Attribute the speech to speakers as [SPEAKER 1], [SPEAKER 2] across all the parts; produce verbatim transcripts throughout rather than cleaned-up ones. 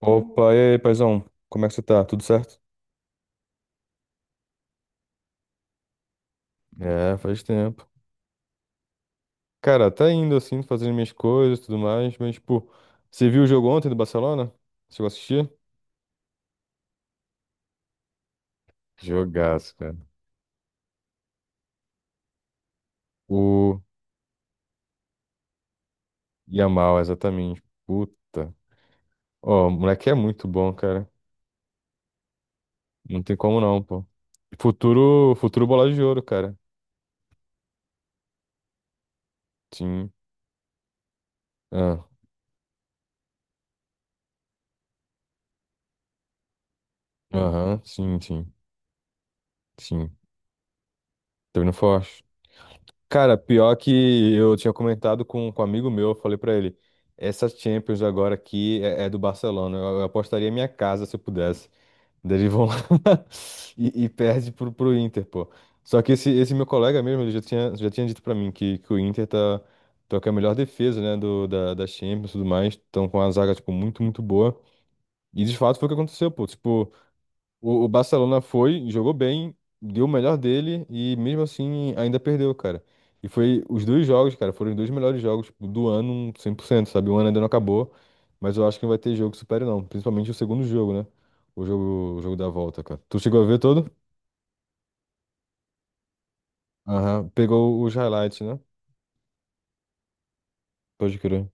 [SPEAKER 1] Opa, e aí, paizão? Como é que você tá? Tudo certo? É, faz tempo. Cara, tá indo assim, fazendo minhas coisas e tudo mais, mas, tipo, você viu o jogo ontem do Barcelona? Chegou a assistir? Jogaço, cara. O Yamal, exatamente. Puta. Ó, o moleque é muito bom, cara. Não tem como não, pô. Futuro, futuro bola de ouro, cara. Sim. Ah, aham, sim, sim, sim. Tô indo forte. Cara, pior que eu tinha comentado com, com um amigo meu, eu falei pra ele, essa Champions agora aqui é, é do Barcelona, eu, eu apostaria minha casa se eu pudesse. Daí eles vão lá e, e perde pro, pro Inter, pô. Só que esse, esse meu colega mesmo, ele já tinha, já tinha dito pra mim que, que o Inter tá, tá com a melhor defesa, né, do, da, da Champions e tudo mais, estão com a zaga, tipo, muito, muito boa. E de fato foi o que aconteceu, pô, tipo. O, o Barcelona foi, jogou bem, deu o melhor dele e mesmo assim ainda perdeu, cara. E foi os dois jogos, cara, foram os dois melhores jogos tipo, do ano um cem por cento, sabe? O ano ainda não acabou, mas eu acho que não vai ter jogo que supere não, principalmente o segundo jogo, né? O jogo, o jogo da volta, cara. Tu chegou a ver todo? Aham, pegou os highlights, né? Pode crer.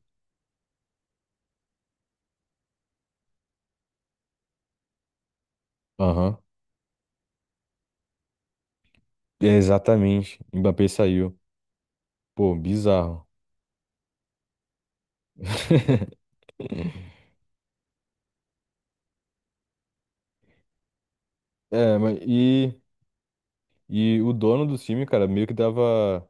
[SPEAKER 1] Aham. É, exatamente. Mbappé saiu. Pô, bizarro. É, mas e, e o dono do time, cara, meio que dava.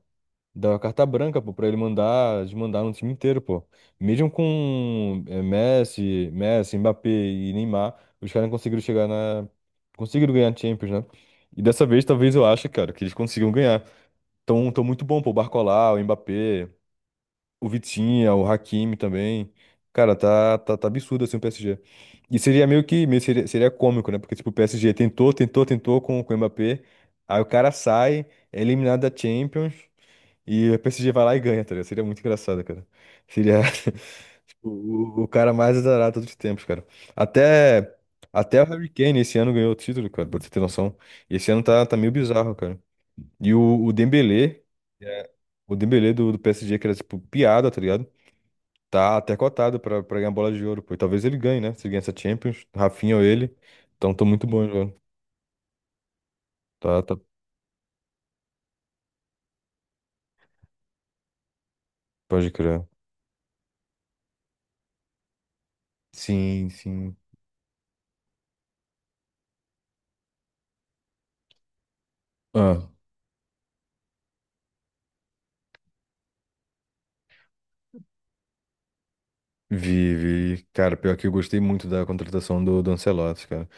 [SPEAKER 1] Dá carta branca, pô, pra ele mandar, desmandar no time inteiro, pô. Mesmo com eh, Messi, Messi, Mbappé e Neymar, os caras não conseguiram chegar na. Conseguiram ganhar a Champions, né? E dessa vez, talvez eu ache, cara, que eles consigam ganhar. Tão, tão muito bom, pô. O Barcola, o Mbappé, o Vitinha, o Hakimi também. Cara, tá, tá, tá absurdo assim o P S G. E seria meio que. Meio Seria, seria cômico, né? Porque, tipo, o P S G tentou, tentou, tentou com, com o Mbappé. Aí o cara sai, é eliminado da Champions. E a P S G vai lá e ganha, tá ligado? Seria muito engraçado, cara. Seria tipo, o, o cara mais azarado de todos os tempos, cara. Até, até o Harry Kane esse ano ganhou o título, cara, pra você ter noção. E esse ano tá, tá meio bizarro, cara. E o, o Dembélé, é, o Dembélé do, do P S G, que era tipo piada, tá ligado? Tá até cotado pra, pra ganhar bola de ouro, pô. E talvez ele ganhe, né? Se ele ganhar essa Champions, Rafinha ou ele. Então tô muito bom, né, velho. Tá, tá, pode crer. Sim, sim. Ah. Vi, vi. Cara, pior que eu gostei muito da contratação do, do Ancelotti, cara.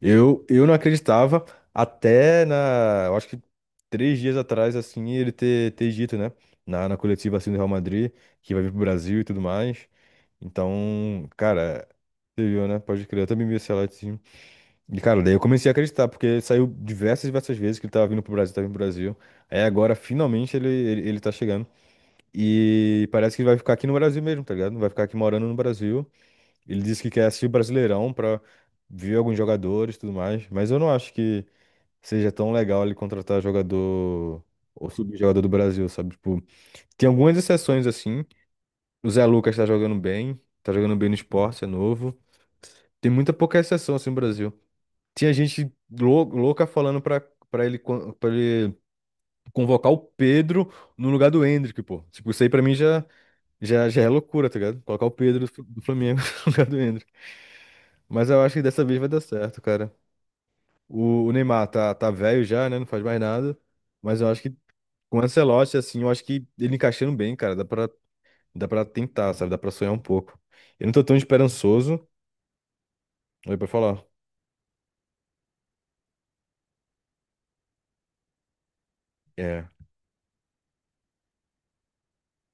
[SPEAKER 1] Eu, eu não acreditava até na. Eu acho que três dias atrás, assim, ele ter, ter dito, né? Na, na coletiva assim do Real Madrid, que vai vir pro Brasil e tudo mais. Então, cara, você viu, né? Pode crer, eu também vi esse Ancelotti. Sim. E, cara, daí eu comecei a acreditar, porque ele saiu diversas, diversas vezes que ele tava vindo pro Brasil, tava vindo pro Brasil. Aí agora, finalmente, ele, ele, ele tá chegando. E parece que ele vai ficar aqui no Brasil mesmo, tá ligado? Vai ficar aqui morando no Brasil. Ele disse que quer assistir o Brasileirão pra ver alguns jogadores e tudo mais, mas eu não acho que seja tão legal ele contratar jogador ou subjogador do Brasil, sabe? Tipo, tem algumas exceções assim. O Zé Lucas tá jogando bem, tá jogando bem no Sport, é novo. Tem muita pouca exceção assim no Brasil. Tinha gente lou- louca falando pra, pra ele para ele convocar o Pedro no lugar do Endrick, pô. Tipo, isso aí pra mim já já, já é loucura, tá ligado? Colocar o Pedro do Fl- do Flamengo no lugar do Endrick. Mas eu acho que dessa vez vai dar certo, cara. O, o Neymar tá, tá velho já, né? Não faz mais nada. Mas eu acho que com o Ancelotti, assim, eu acho que ele encaixando bem, cara, dá pra, dá pra tentar, sabe? Dá pra sonhar um pouco. Eu não tô tão esperançoso. Aí pra falar. É,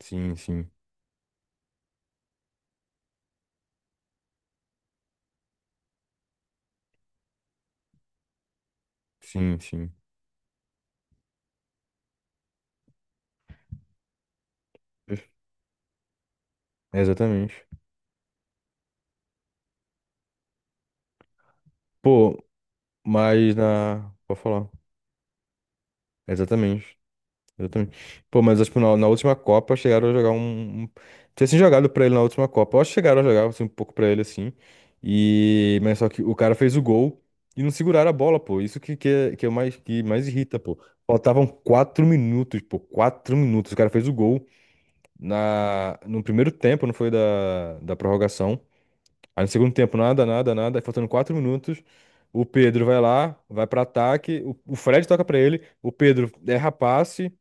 [SPEAKER 1] sim, sim, sim, sim. É, exatamente. Pô, mas na. Pode falar. Exatamente. Exatamente. Pô, mas tipo, na, na última Copa chegaram a jogar um. um... Tinha assim jogado pra ele na última Copa. Eu acho que chegaram a jogar assim, um pouco pra ele assim. E. Mas só que o cara fez o gol e não seguraram a bola, pô. Isso que, que, é, que é o mais, que mais irrita, pô. Faltavam quatro minutos, pô. Quatro minutos. O cara fez o gol na... no primeiro tempo, não foi da, da prorrogação. Aí no segundo tempo, nada, nada, nada. Aí faltando quatro minutos, o Pedro vai lá, vai pra ataque. O, o Fred toca pra ele. O Pedro erra passe,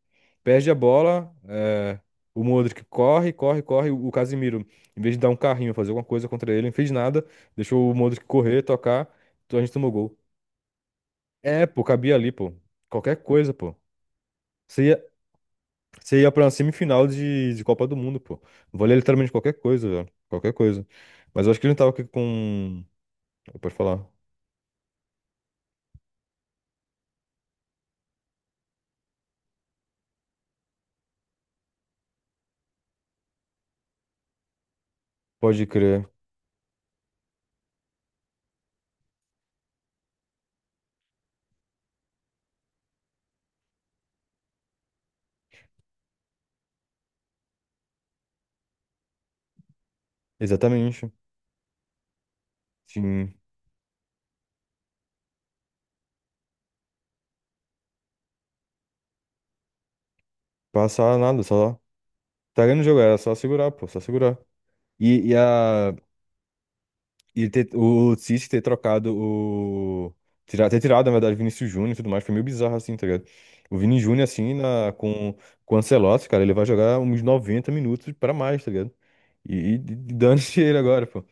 [SPEAKER 1] perde a bola. É, o Modric corre, corre, corre. O Casimiro, em vez de dar um carrinho, fazer alguma coisa contra ele, não fez nada. Deixou o Modric correr, tocar. Então a gente tomou gol. É, pô, cabia ali, pô. Qualquer coisa, pô. Você ia, você ia pra uma semifinal de, de Copa do Mundo, pô. Valia literalmente qualquer coisa, velho. Qualquer coisa. Mas eu acho que ele não tava com. Pode falar. Pode crer. Exatamente. Sim. Passar nada, só. Tá ganhando o jogo, era só segurar, pô, só segurar. E, e a. E ter, o Cis ter trocado o. Tirar, ter tirado, na verdade, Vinícius Júnior e tudo mais, foi meio bizarro assim, tá ligado? O Vini Júnior, assim, na, com, com o Ancelotti, cara, ele vai jogar uns noventa minutos pra mais, tá ligado? E, e dane-se ele agora, pô.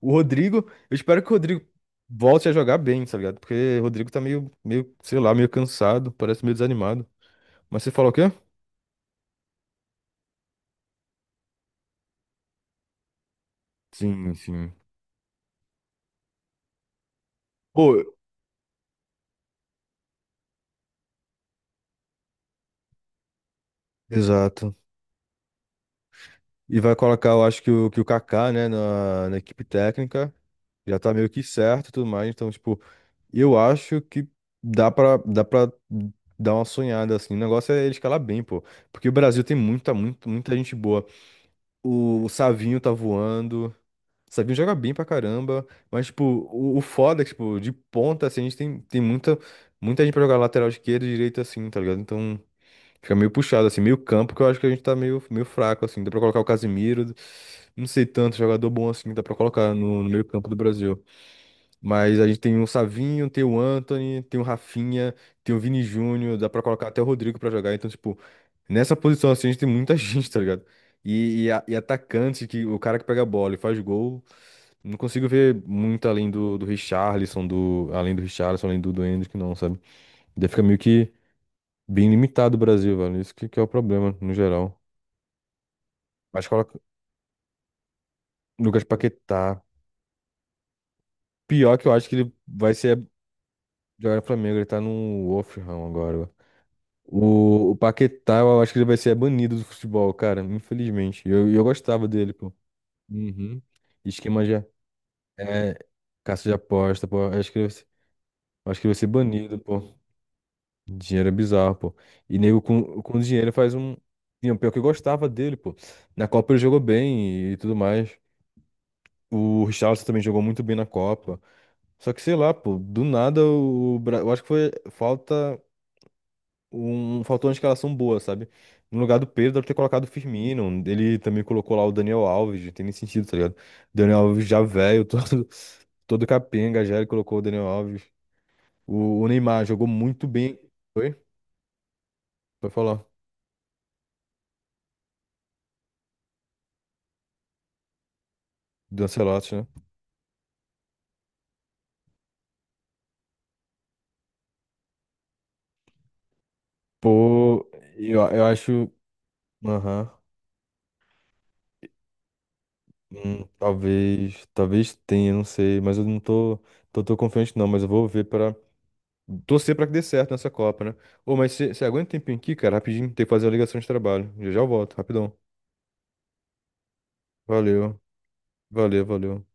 [SPEAKER 1] O Rodrigo, eu espero que o Rodrigo volte a jogar bem, tá ligado? Porque o Rodrigo tá meio, meio, sei lá, meio cansado, parece meio desanimado. Mas você falou o quê? Sim, sim. Pô, exato. E vai colocar, eu acho que o, que o Kaká, né, na, na equipe técnica, já tá meio que certo e tudo mais. Então, tipo, eu acho que dá pra, dá pra dar uma sonhada, assim. O negócio é ele escalar bem, pô. Porque o Brasil tem muita, muita, muita gente boa. O, o Savinho tá voando. O Savinho joga bem pra caramba. Mas, tipo, o, o foda é que, tipo, de ponta, assim, a gente tem, tem muita, muita gente pra jogar lateral esquerda e direita, assim, tá ligado? Então. Fica meio puxado, assim, meio campo, que eu acho que a gente tá meio, meio fraco, assim. Dá pra colocar o Casimiro, não sei tanto, jogador bom assim, dá pra colocar no, no meio campo do Brasil. Mas a gente tem o Savinho, tem o Anthony, tem o Rafinha, tem o Vini Júnior, dá pra colocar até o Rodrigo pra jogar. Então, tipo, nessa posição assim, a gente tem muita gente, tá ligado? E, e, a- e atacante, que o cara que pega a bola e faz gol, não consigo ver muito além do, do Richarlison, do, além do Richarlison, além do, do Endrick, não, sabe? Daí fica meio que. Bem limitado o Brasil, velho. Isso que, que é o problema, no geral. Mas coloca Lucas Paquetá. Pior que eu acho que ele vai ser jogar no Flamengo. Ele tá no Wolverhampton agora, velho. O, o Paquetá, eu acho que ele vai ser banido do futebol, cara. Infelizmente. E Eu, e eu gostava dele, pô. Uhum. Esquema já. É, caça de aposta, pô. Eu Acho que ele, vai ser- eu acho que ele vai ser banido, pô. Dinheiro é bizarro, pô. E nego com, com dinheiro faz um. E o pior que eu gostava dele, pô. Na Copa ele jogou bem e tudo mais. O Richarlison também jogou muito bem na Copa. Só que, sei lá, pô, do nada o Bra- Eu acho que foi falta um... faltou uma escalação boa, sabe? No lugar do Pedro, deve ter colocado o Firmino. Ele também colocou lá o Daniel Alves, não tem nem sentido, tá ligado? Daniel Alves já velho, todo, todo capenga, já ele colocou o Daniel Alves. O, o Neymar jogou muito bem. Foi? Foi falar. Do Ancelotti, né? Pô, eu, eu acho. Aham. Hum, talvez, talvez tenha, não sei, mas eu não tô, tô, tô confiante não, mas eu vou ver para torcer para que dê certo nessa Copa, né? Ô, mas você aguenta um tempinho aqui, cara, rapidinho, tem que fazer a ligação de trabalho. Já já eu volto, rapidão. Valeu, valeu, valeu.